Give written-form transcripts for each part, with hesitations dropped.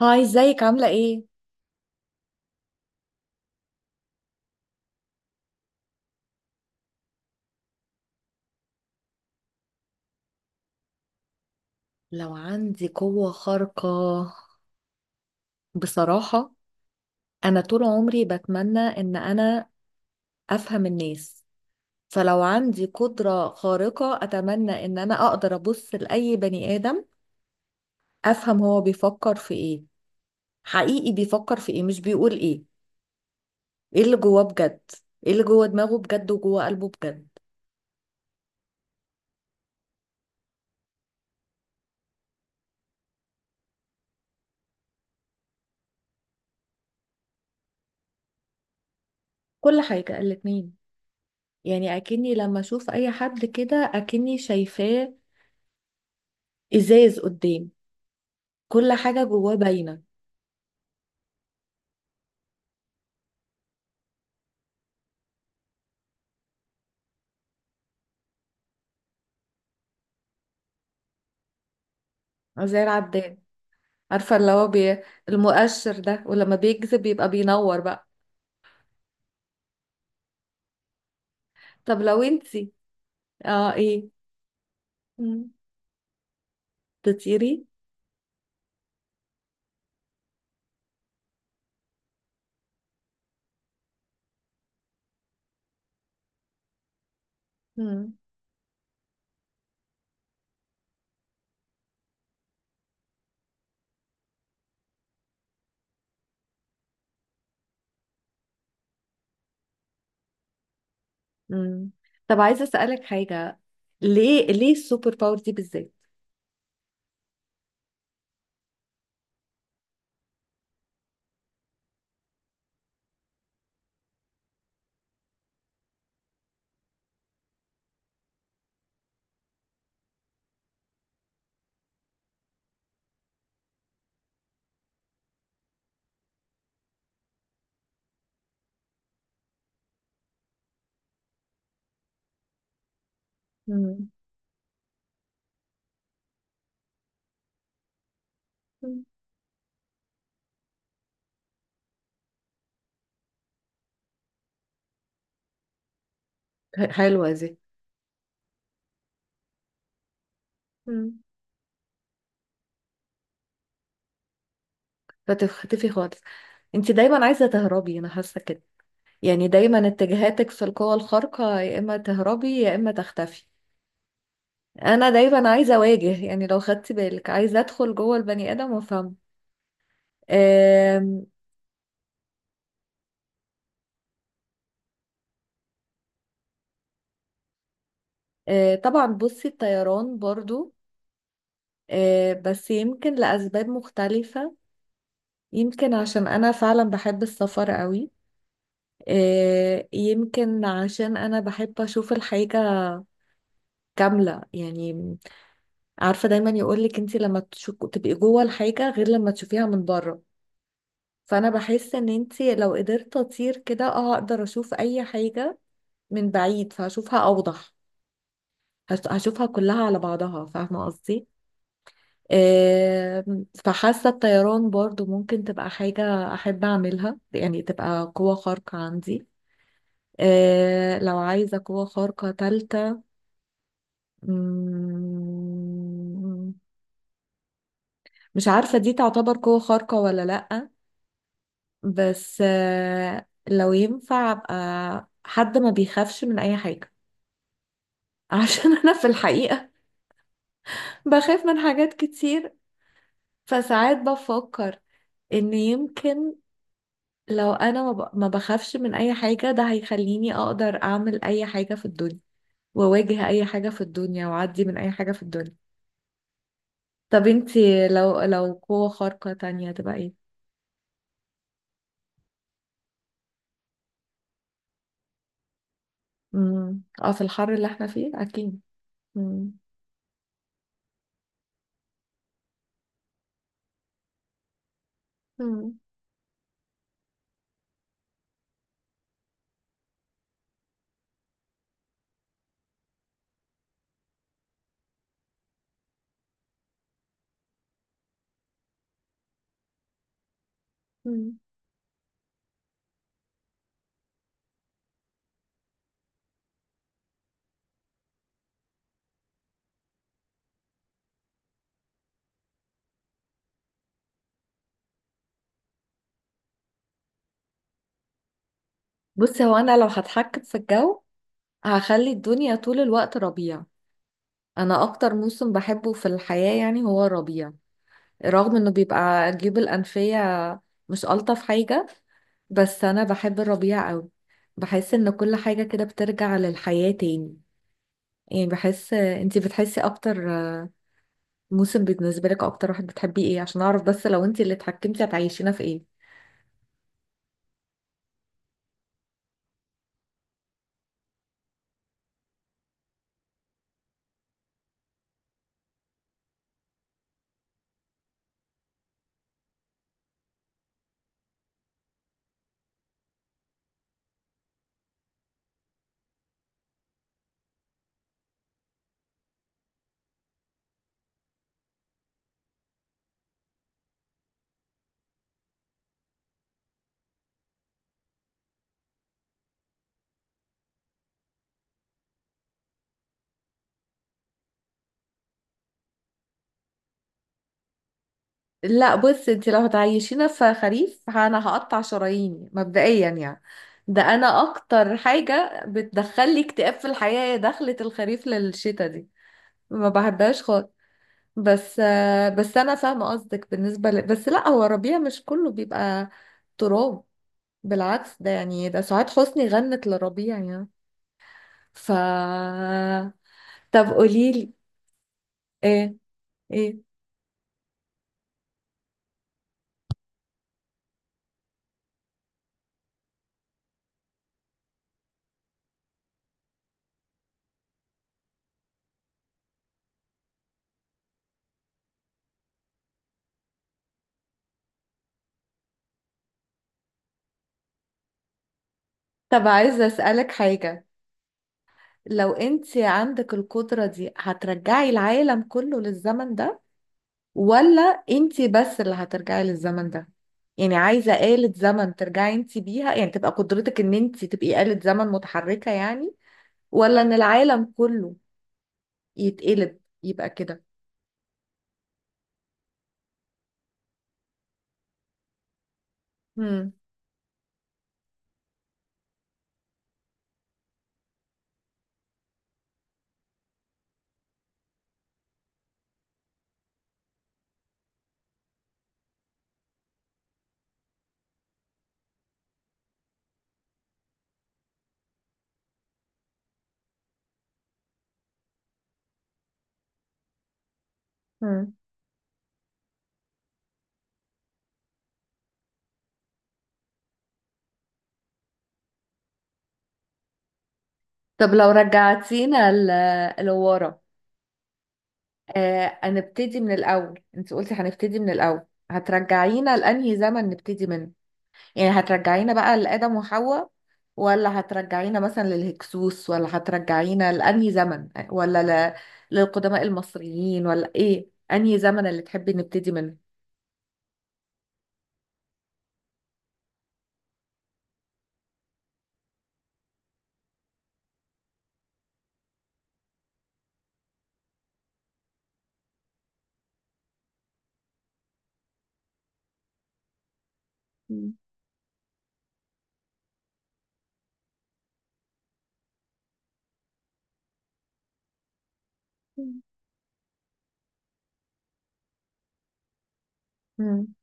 هاي، ازيك؟ عاملة ايه؟ لو عندي قوة خارقة، بصراحة أنا طول عمري بتمنى إن أنا أفهم الناس. فلو عندي قدرة خارقة أتمنى إن أنا أقدر أبص لأي بني آدم أفهم هو بيفكر في ايه. حقيقي بيفكر في ايه مش بيقول ايه. ايه اللي جواه بجد؟ ايه اللي جوه دماغه بجد وجوه قلبه بجد؟ كل حاجة، الاتنين. يعني أكني لما أشوف أي حد كده أكني شايفاه إزاز قدام. كل حاجة جواه باينة. زي العداد. عارفة اللي هو المؤشر ده؟ ولما بيكذب يبقى بينور بقى. طب لو انتي، اه ايه. مم. تطيري؟ مم. مم. طب عايزة اسألك حاجة. ليه السوبر باور دي بالذات؟ مم. مم. حلوة دي. مم. فتختفي خالص. انتي دايما عايزة تهربي، انا حاسة كده. يعني دايما اتجاهاتك في القوى الخارقة يا اما تهربي يا اما تختفي. انا دايما عايزة اواجه. يعني لو خدتي بالك، عايزة ادخل جوه البني ادم وافهمه. آم، طبعا بصي، الطيران برضو. بس يمكن لأسباب مختلفة. يمكن عشان أنا فعلا بحب السفر قوي. يمكن عشان أنا بحب أشوف الحاجة كاملة يعني. عارفة، دايما يقولك انتي لما تبقي جوه الحاجة غير لما تشوفيها من بره. فأنا بحس إن انتي لو قدرت أطير كده اه أقدر أشوف أي حاجة من بعيد فهشوفها أوضح. هشوفها كلها على بعضها، فاهمة قصدي؟ فحاسة الطيران برضو ممكن تبقى حاجة أحب أعملها، يعني تبقى قوة خارقة عندي. لو عايزة قوة خارقة تالتة، مم، مش عارفة دي تعتبر قوة خارقة ولا لأ. بس لو ينفع أبقى حد ما بيخافش من أي حاجة، عشان أنا في الحقيقة بخاف من حاجات كتير. فساعات بفكر إن يمكن لو انا ما بخافش من اي حاجة، ده هيخليني اقدر اعمل اي حاجة في الدنيا، واواجه اي حاجة في الدنيا، واعدي من اي حاجة في الدنيا. طب انتي لو، قوة خارقة تانية تبقى ايه؟ امم، اه، في الحر اللي احنا فيه اكيد. امم. مم. مم. بصي، هو انا لو هتحكم في الجو هخلي الدنيا طول الوقت ربيع. انا اكتر موسم بحبه في الحياة يعني هو الربيع. رغم انه بيبقى الجيوب الانفية مش الطف حاجة، بس انا بحب الربيع قوي. بحس ان كل حاجة كده بترجع للحياة تاني. يعني بحس، انتي بتحسي اكتر موسم بالنسبة لك، اكتر واحد بتحبيه ايه عشان اعرف؟ بس لو انتي اللي اتحكمتي هتعيشينا في ايه؟ لا بص، انتي لو هتعيشينا في خريف انا هقطع شراييني مبدئيا يعني. ده انا اكتر حاجة بتدخلي اكتئاب في الحياة هي دخلة الخريف للشتا دي. ما بحبهاش خالص. بس بس انا فاهمه قصدك بالنسبه بس لا، هو ربيع مش كله بيبقى تراب. بالعكس، ده يعني ده سعاد حسني غنت لربيع يعني. ف طب قوليلي ايه؟ ايه؟ طب عايزه اسالك حاجه. لو انت عندك القدره دي هترجعي العالم كله للزمن ده، ولا انت بس اللي هترجعي للزمن ده؟ يعني عايزه آلة زمن ترجعي انت بيها، يعني تبقى قدرتك ان انت تبقي آلة زمن متحركه يعني، ولا ان العالم كله يتقلب يبقى كده؟ مم. مم. طب لو رجعتينا لورا، آه هنبتدي من الاول، انت قلتي هنبتدي من الاول، هترجعينا لانهي زمن نبتدي منه؟ يعني هترجعينا بقى لآدم وحواء، ولا هترجعينا مثلا للهكسوس، ولا هترجعينا لانهي زمن، ولا للقدماء المصريين، ولا ايه انهي زمن اللي تحبي نبتدي منه؟ مم. مم.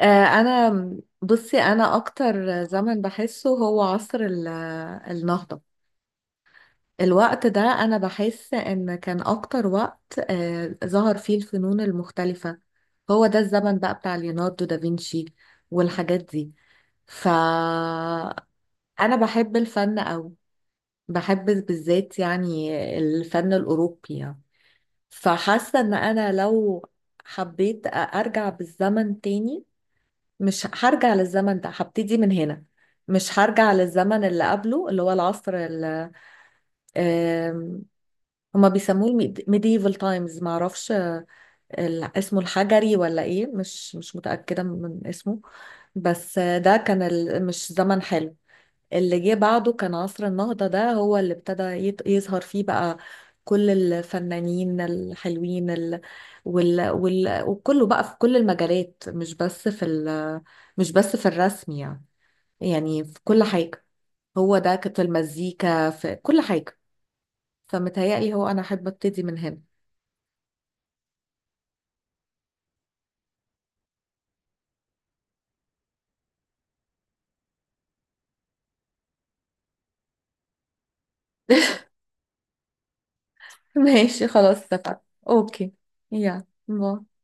انا بصي، انا اكتر زمن بحسه هو عصر النهضة. الوقت ده انا بحس ان كان اكتر وقت ظهر فيه الفنون المختلفة. هو ده الزمن بقى بتاع ليوناردو دافنشي والحاجات دي. فانا بحب الفن أوي، بحب بالذات يعني الفن الاوروبي يعني. فحاسة ان انا لو حبيت ارجع بالزمن تاني، مش هرجع للزمن ده، هبتدي من هنا. مش هرجع للزمن اللي قبله اللي هو العصر آم، هما بيسموه الميديفال تايمز، معرفش، اسمه الحجري ولا ايه، مش متأكدة من اسمه. بس ده كان مش زمن حلو. اللي جه بعده كان عصر النهضة، ده هو اللي ابتدى يظهر فيه بقى كل الفنانين الحلوين وكله بقى في كل المجالات، مش بس في مش بس في الرسم يعني. يعني في كل حاجة. هو ده كانت المزيكا في كل حاجة. فمتهيألي هو أنا أحب أبتدي من هنا. ماشي خلاص اتفقنا. أوكي، يا باي.